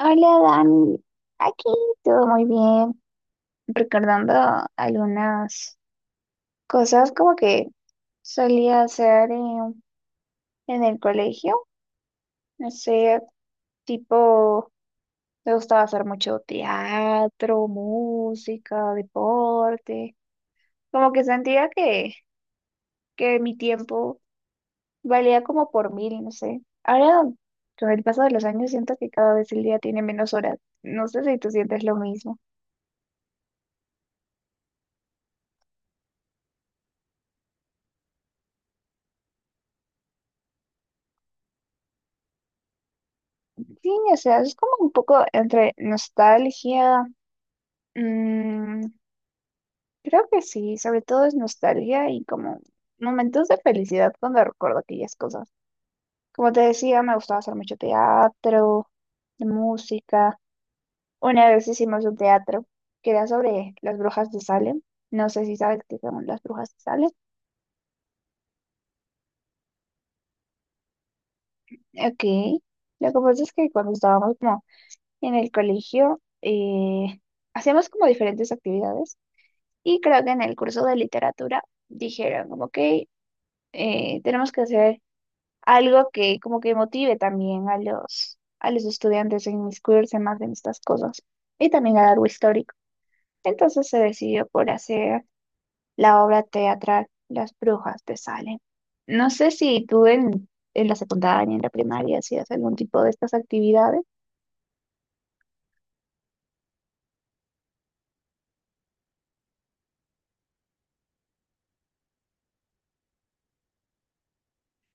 Hola Dani, aquí todo muy bien, recordando algunas cosas como que solía hacer en el colegio, no sé, tipo, me gustaba hacer mucho teatro, música, deporte, como que sentía que mi tiempo valía como por mil, no sé. Ahora, con el paso de los años, siento que cada vez el día tiene menos horas, no sé si tú sientes lo mismo. Sí, o sea, es como un poco entre nostalgia. mm, Creo que sí, sobre todo es nostalgia y como momentos de felicidad cuando recuerdo aquellas cosas. Como te decía, me gustaba hacer mucho teatro, de música. Una vez hicimos un teatro que era sobre las brujas de Salem. No sé si sabes qué son las brujas de Salem. Ok. Lo que pasa es que cuando estábamos como en el colegio, hacíamos como diferentes actividades. Y creo que en el curso de literatura dijeron como que tenemos que hacer algo que como que motive también a los estudiantes a inmiscuirse más en estas cosas y también a algo histórico. Entonces se decidió por hacer la obra teatral Las Brujas de Salem. No sé si tú en la secundaria, en la primaria, hacías algún tipo de estas actividades.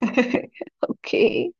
Ok.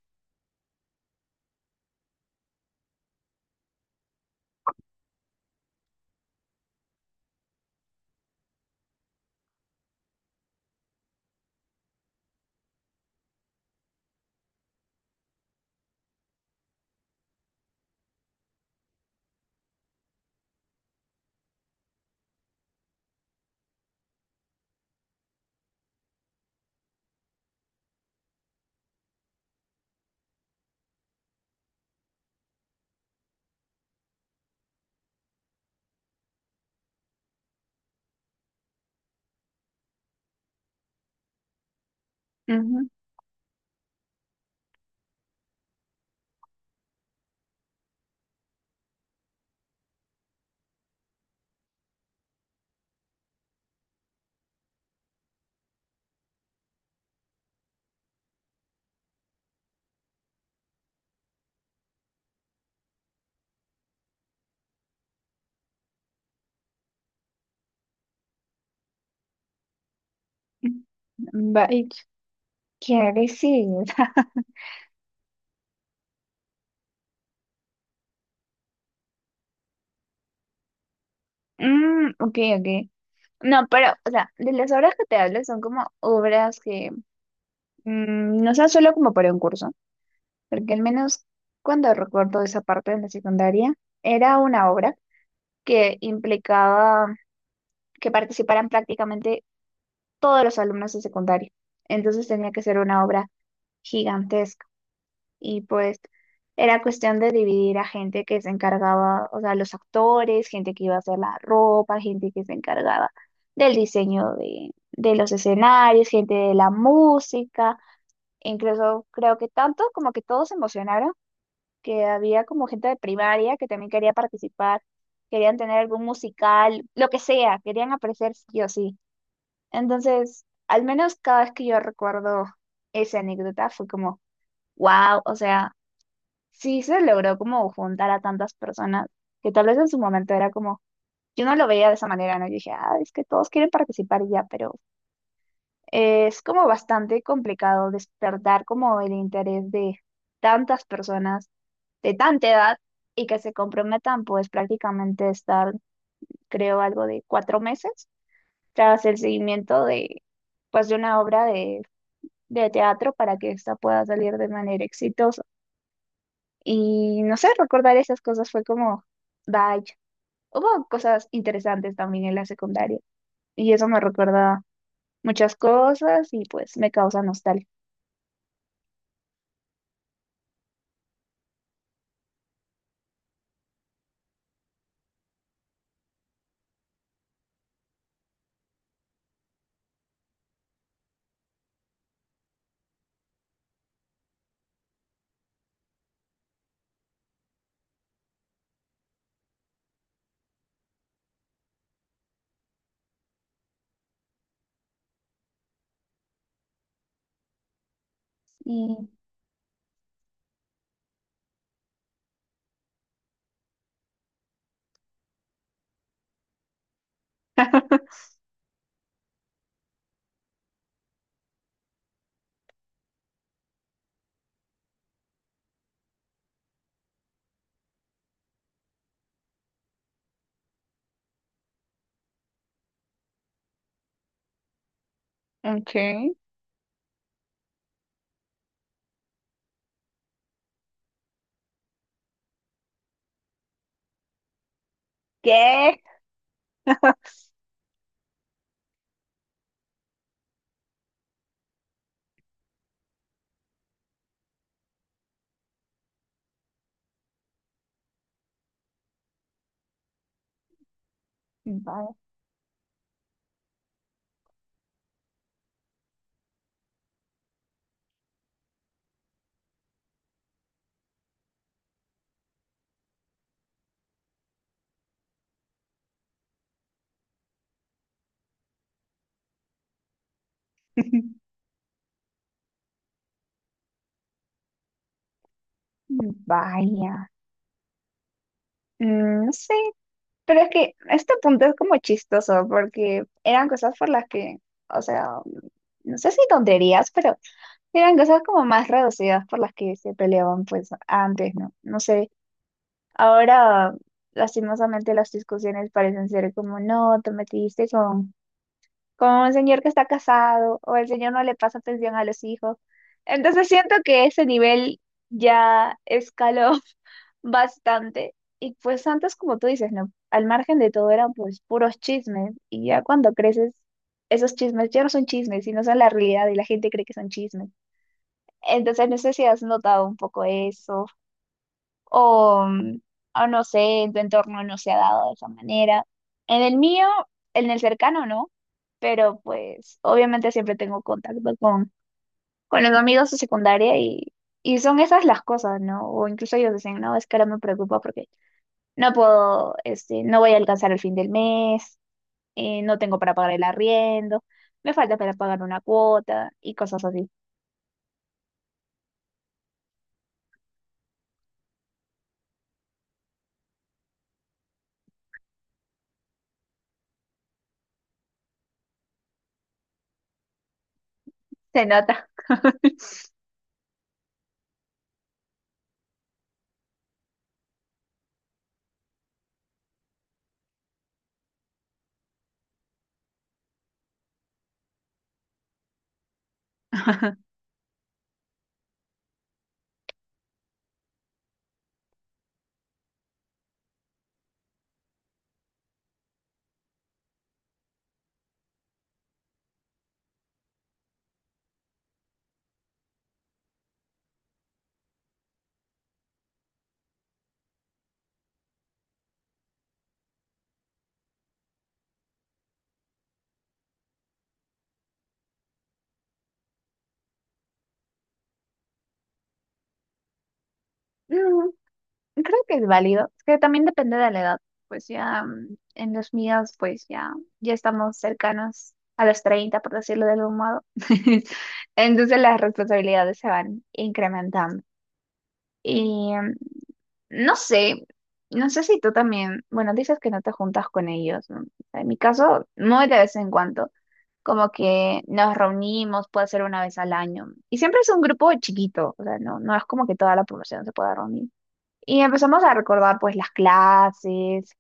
Ujú. Vaya, ¿qué decir? Mm, ok, ok. No, pero, o sea, de las obras que te hablo son como obras que no son solo como para un curso, porque al menos cuando recuerdo esa parte de la secundaria, era una obra que implicaba que participaran prácticamente todos los alumnos de secundaria. Entonces tenía que ser una obra gigantesca, y pues era cuestión de dividir a gente que se encargaba, o sea, los actores, gente que iba a hacer la ropa, gente que se encargaba del diseño de los escenarios, gente de la música, incluso creo que tanto como que todos se emocionaron, que había como gente de primaria que también quería participar, querían tener algún musical, lo que sea, querían aparecer sí o sí. Entonces, al menos cada vez que yo recuerdo esa anécdota fue como, wow, o sea sí se logró como juntar a tantas personas que tal vez en su momento era como, yo no lo veía de esa manera, ¿no? Yo dije, ah, es que todos quieren participar y ya, pero es como bastante complicado despertar como el interés de tantas personas de tanta edad y que se comprometan pues prácticamente estar, creo, algo de 4 meses tras el seguimiento de pues de una obra de teatro para que esta pueda salir de manera exitosa. Y no sé, recordar esas cosas fue como... Bye. Hubo cosas interesantes también en la secundaria y eso me recuerda muchas cosas y pues me causa nostalgia. Y... Okay. ¿Qué? Vaya. Vaya. No sé, pero es que este punto es como chistoso porque eran cosas por las que, o sea, no sé si tonterías, pero eran cosas como más reducidas por las que se peleaban pues antes, ¿no? No sé. Ahora, lastimosamente, las discusiones parecen ser como, no, te metiste con un señor que está casado o el señor no le pasa atención a los hijos. Entonces siento que ese nivel ya escaló bastante. Y pues antes, como tú dices, ¿no? Al margen de todo eran pues puros chismes. Y ya cuando creces, esos chismes ya no son chismes, sino son la realidad y la gente cree que son chismes. Entonces no sé si has notado un poco eso o, mm, o no sé, en tu entorno no se ha dado de esa manera. En el mío, en el cercano no, pero pues obviamente siempre tengo contacto con los amigos de secundaria y son esas las cosas, ¿no? O incluso ellos dicen, no, es que ahora me preocupa porque no puedo, este, no voy a alcanzar el fin del mes, no tengo para pagar el arriendo, me falta para pagar una cuota y cosas así. Se nota. Creo que es válido, es que también depende de la edad. Pues ya en los míos, pues ya, ya estamos cercanos a los 30 por decirlo de algún modo. Entonces las responsabilidades se van incrementando. Y no sé, si tú también, bueno, dices que no te juntas con ellos, ¿no? En mi caso, muy de vez en cuando, como que nos reunimos, puede ser una vez al año. Y siempre es un grupo chiquito, o sea, no, no es como que toda la población se pueda reunir. Y empezamos a recordar pues las clases,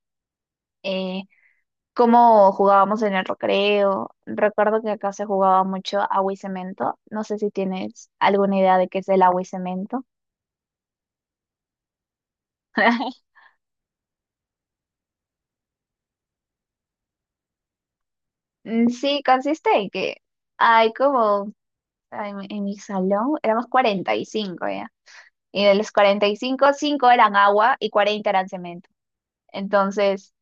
eh, cómo jugábamos en el recreo. Recuerdo que acá se jugaba mucho agua y cemento. No sé si tienes alguna idea de qué es el agua y cemento. Mm, sí, consiste en que hay como en mi salón éramos 45 ya. Y de los 45, 5 eran agua y 40 eran cemento. Entonces,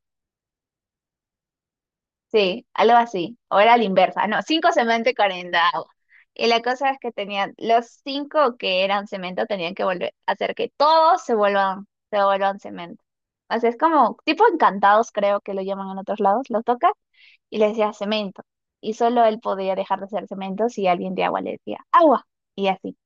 sí, algo así. O era la inversa. No, cinco cemento y 40 agua. Y la cosa es que tenían, los cinco que eran cemento tenían que volver a hacer que todos se vuelvan cemento. O sea, es como tipo encantados, creo que lo llaman en otros lados. Los toca y les decía cemento. Y solo él podía dejar de ser cemento si alguien de agua le decía agua. Y así.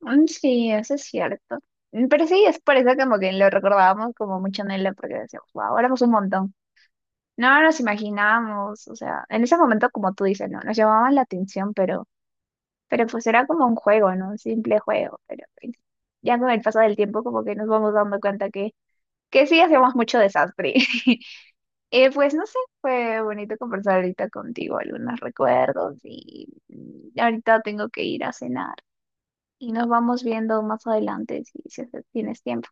Mm, sí, eso es cierto. Pero sí, es por eso como que lo recordábamos como mucho en él, porque decíamos, wow, éramos un montón. No nos imaginábamos, o sea, en ese momento, como tú dices, no, nos llamaban la atención, pero pues era como un juego, ¿no? Un simple juego, pero pues, ya con el paso del tiempo como que nos vamos dando cuenta que sí hacíamos mucho desastre. Pues no sé, fue bonito conversar ahorita contigo, algunos recuerdos y ahorita tengo que ir a cenar y nos vamos viendo más adelante si tienes tiempo.